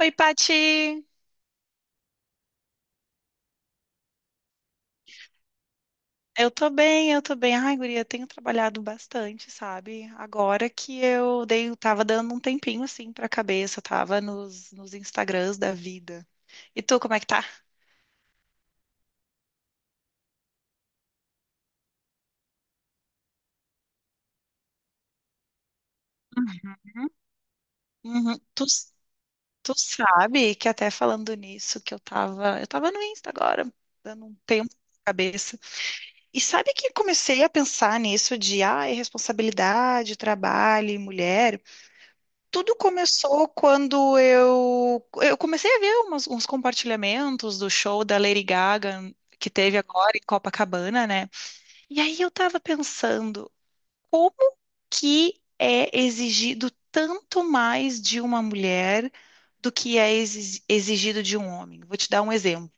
Oi, Pati! Eu tô bem. Ai, guria, tenho trabalhado bastante, sabe? Agora que eu tava dando um tempinho assim pra cabeça, tava nos Instagrams da vida. E tu, como é que tá? Uhum. Tu sabe que até falando nisso, que eu tava no Insta agora, dando um tempo na cabeça. E sabe que comecei a pensar nisso de, ah, responsabilidade, trabalho e mulher. Tudo começou quando eu comecei a ver uns compartilhamentos do show da Lady Gaga que teve agora em Copacabana, né? E aí eu tava pensando, como que é exigido tanto mais de uma mulher do que é exigido de um homem? Vou te dar um exemplo.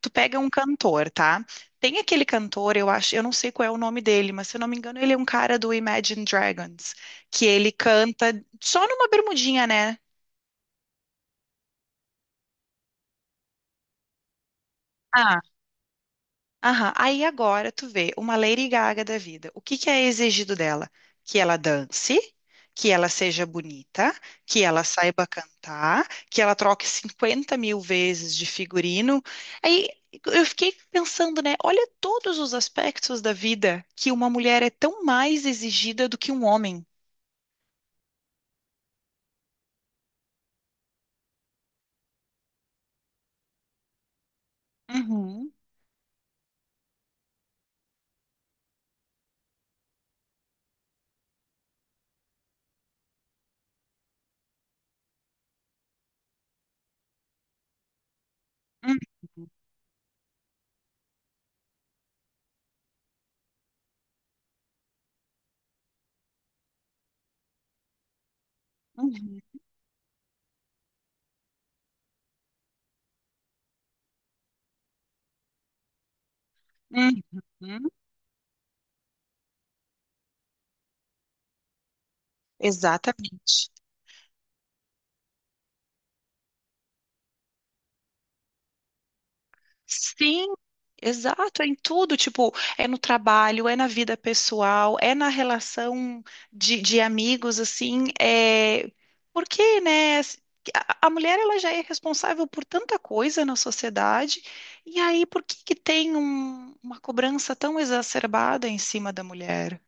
Tu pega um cantor, tá? Tem aquele cantor, eu acho, eu não sei qual é o nome dele, mas se eu não me engano, ele é um cara do Imagine Dragons, que ele canta só numa bermudinha, né? Ah, aham. Aí agora tu vê uma Lady Gaga da vida. O que que é exigido dela? Que ela dance, que ela seja bonita, que ela saiba cantar, que ela troque 50 mil vezes de figurino. Aí eu fiquei pensando, né? Olha todos os aspectos da vida que uma mulher é tão mais exigida do que um homem. Uhum, uhum, uhum, uhum. Exatamente. Sim, exato, é em tudo, tipo, é no trabalho, é na vida pessoal, é na relação de amigos, assim, é... Porque, né, assim, a mulher, ela já é responsável por tanta coisa na sociedade, e aí por que que tem uma cobrança tão exacerbada em cima da mulher?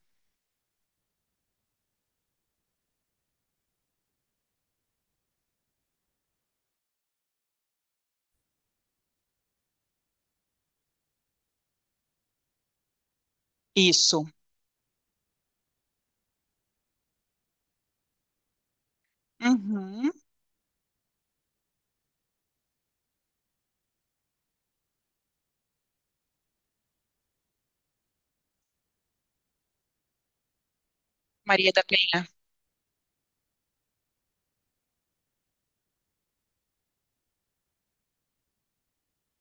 Isso. Uhum. Maria da Penha.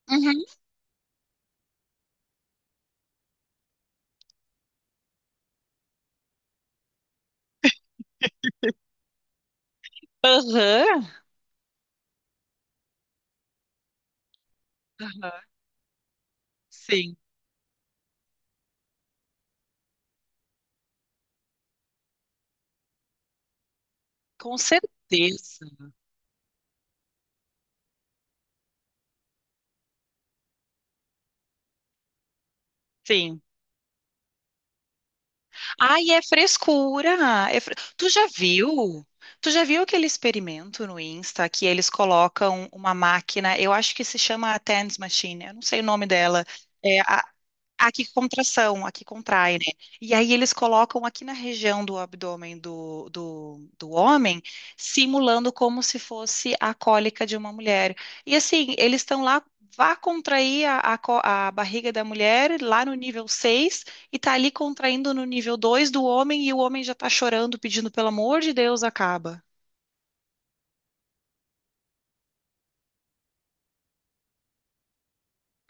Uhum. Aham. Aham. Sim, com certeza. Sim. Ai, é frescura. Tu já viu? Tu já viu aquele experimento no Insta que eles colocam uma máquina, eu acho que se chama a TENS Machine, eu não sei o nome dela. É, a- Aqui que contração, aqui contrai, né? E aí eles colocam aqui na região do abdômen do homem, simulando como se fosse a cólica de uma mulher. E assim, eles estão lá, vá contrair a barriga da mulher lá no nível 6 e tá ali contraindo no nível 2 do homem e o homem já tá chorando, pedindo pelo amor de Deus, acaba.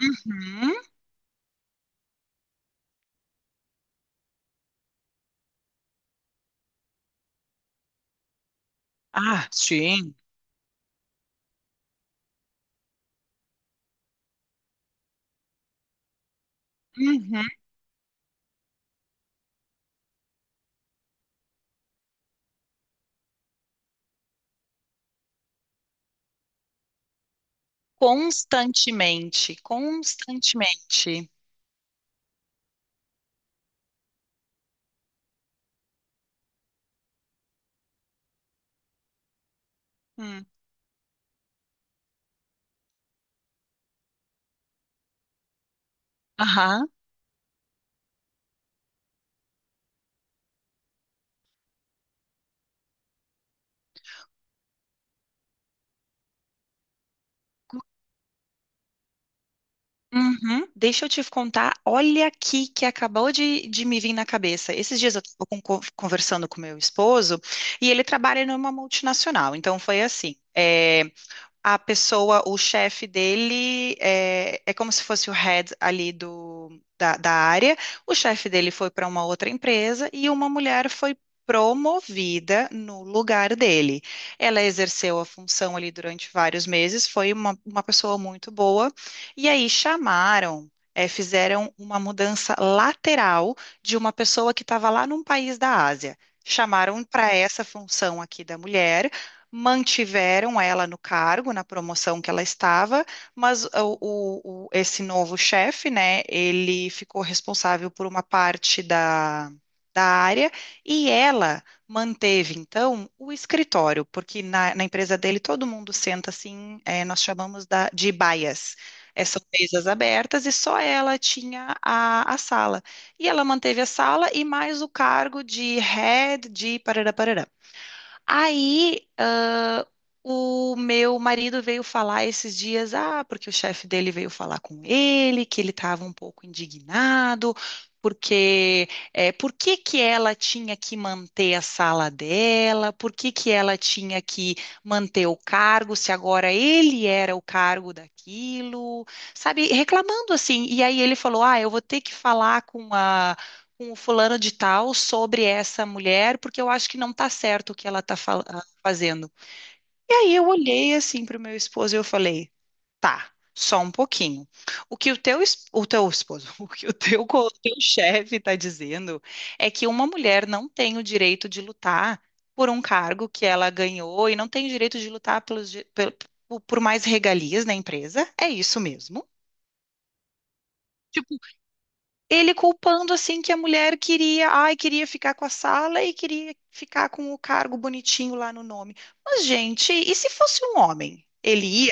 Uhum. Ah, sim. Uhum. Constantemente, constantemente. Hum. Aham. Uhum. Deixa eu te contar, olha aqui que acabou de me vir na cabeça. Esses dias eu estava conversando com meu esposo e ele trabalha numa multinacional. Então foi assim. É, a pessoa, o chefe dele é, é como se fosse o head ali da, da área. O chefe dele foi para uma outra empresa e uma mulher foi promovida no lugar dele. Ela exerceu a função ali durante vários meses, foi uma pessoa muito boa, e aí chamaram. É, fizeram uma mudança lateral de uma pessoa que estava lá num país da Ásia. Chamaram para essa função aqui da mulher, mantiveram ela no cargo, na promoção que ela estava, mas esse novo chefe, né, ele ficou responsável por uma parte da área e ela manteve, então, o escritório, porque na empresa dele todo mundo senta assim, é, nós chamamos de baias. É, são mesas abertas e só ela tinha a sala. E ela manteve a sala e mais o cargo de head de parará, parará. Aí, ah, o meu marido veio falar esses dias, ah, porque o chefe dele veio falar com ele, que ele estava um pouco indignado, porque é, por que que ela tinha que manter a sala dela, por que que ela tinha que manter o cargo, se agora ele era o cargo daquilo, sabe, reclamando assim. E aí ele falou, ah, eu vou ter que falar com a com o fulano de tal sobre essa mulher, porque eu acho que não tá certo o que ela tá fazendo. E aí eu olhei assim pro meu esposo e eu falei, tá, só um pouquinho. O que o o teu esposo, o que o o teu chefe tá dizendo é que uma mulher não tem o direito de lutar por um cargo que ela ganhou e não tem o direito de lutar por por mais regalias na empresa. É isso mesmo? Tipo, ele culpando assim que a mulher queria, ai, queria ficar com a sala e queria ficar com o cargo bonitinho lá no nome. Mas, gente, e se fosse um homem? Ele ia?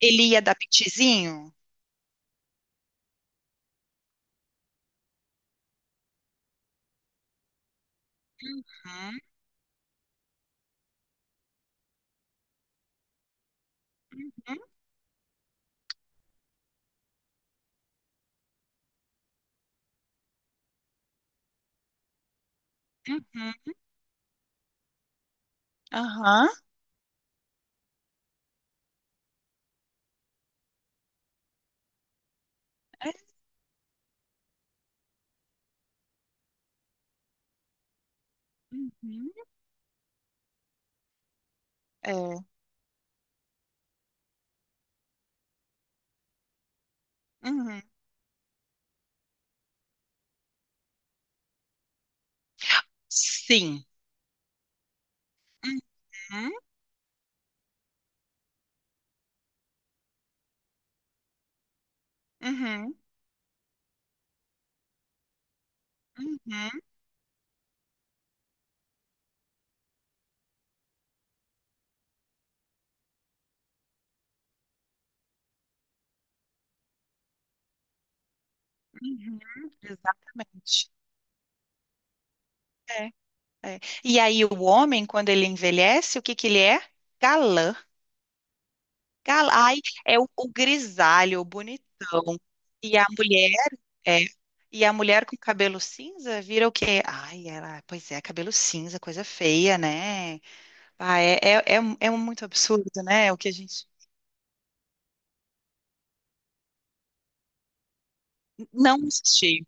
Ele ia dar pitizinho? Uhum, uhum, uhum. Aham. É. Uhum. É. Uhum. Sim. Uhum, uhum, uhum, uhum. Exatamente. É, é. E aí o homem, quando ele envelhece, o que que ele é? Galã. Gal... Ai, é o grisalho, o bonitão. E a mulher, é, e a mulher com cabelo cinza vira o quê? Ai, ela, pois é, cabelo cinza, coisa feia, né? Ah, é, é, é, é muito absurdo, né? O que a gente não assistiu.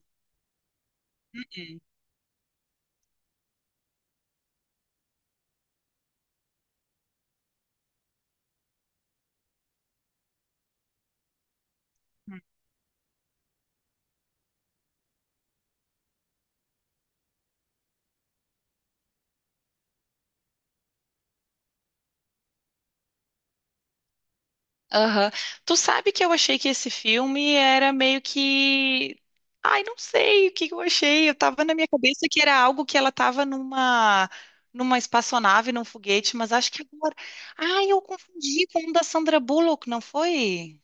Aham. Tu sabe que eu achei que esse filme era meio que. Ai, não sei o que que eu achei. Eu tava na minha cabeça que era algo que ela tava numa espaçonave, num foguete, mas acho que agora. Ai, eu confundi com um da Sandra Bullock, não foi?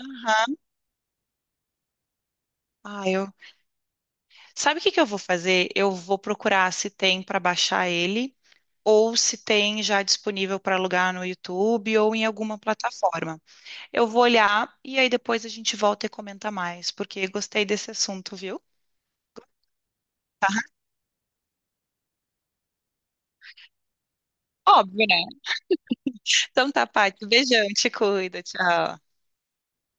Aham. Ah, eu. Sabe o que que eu vou fazer? Eu vou procurar se tem para baixar ele ou se tem já disponível para alugar no YouTube ou em alguma plataforma. Eu vou olhar e aí depois a gente volta e comenta mais, porque gostei desse assunto, viu? Óbvio, né? Então tá, Paty. Beijão, te cuida, tchau.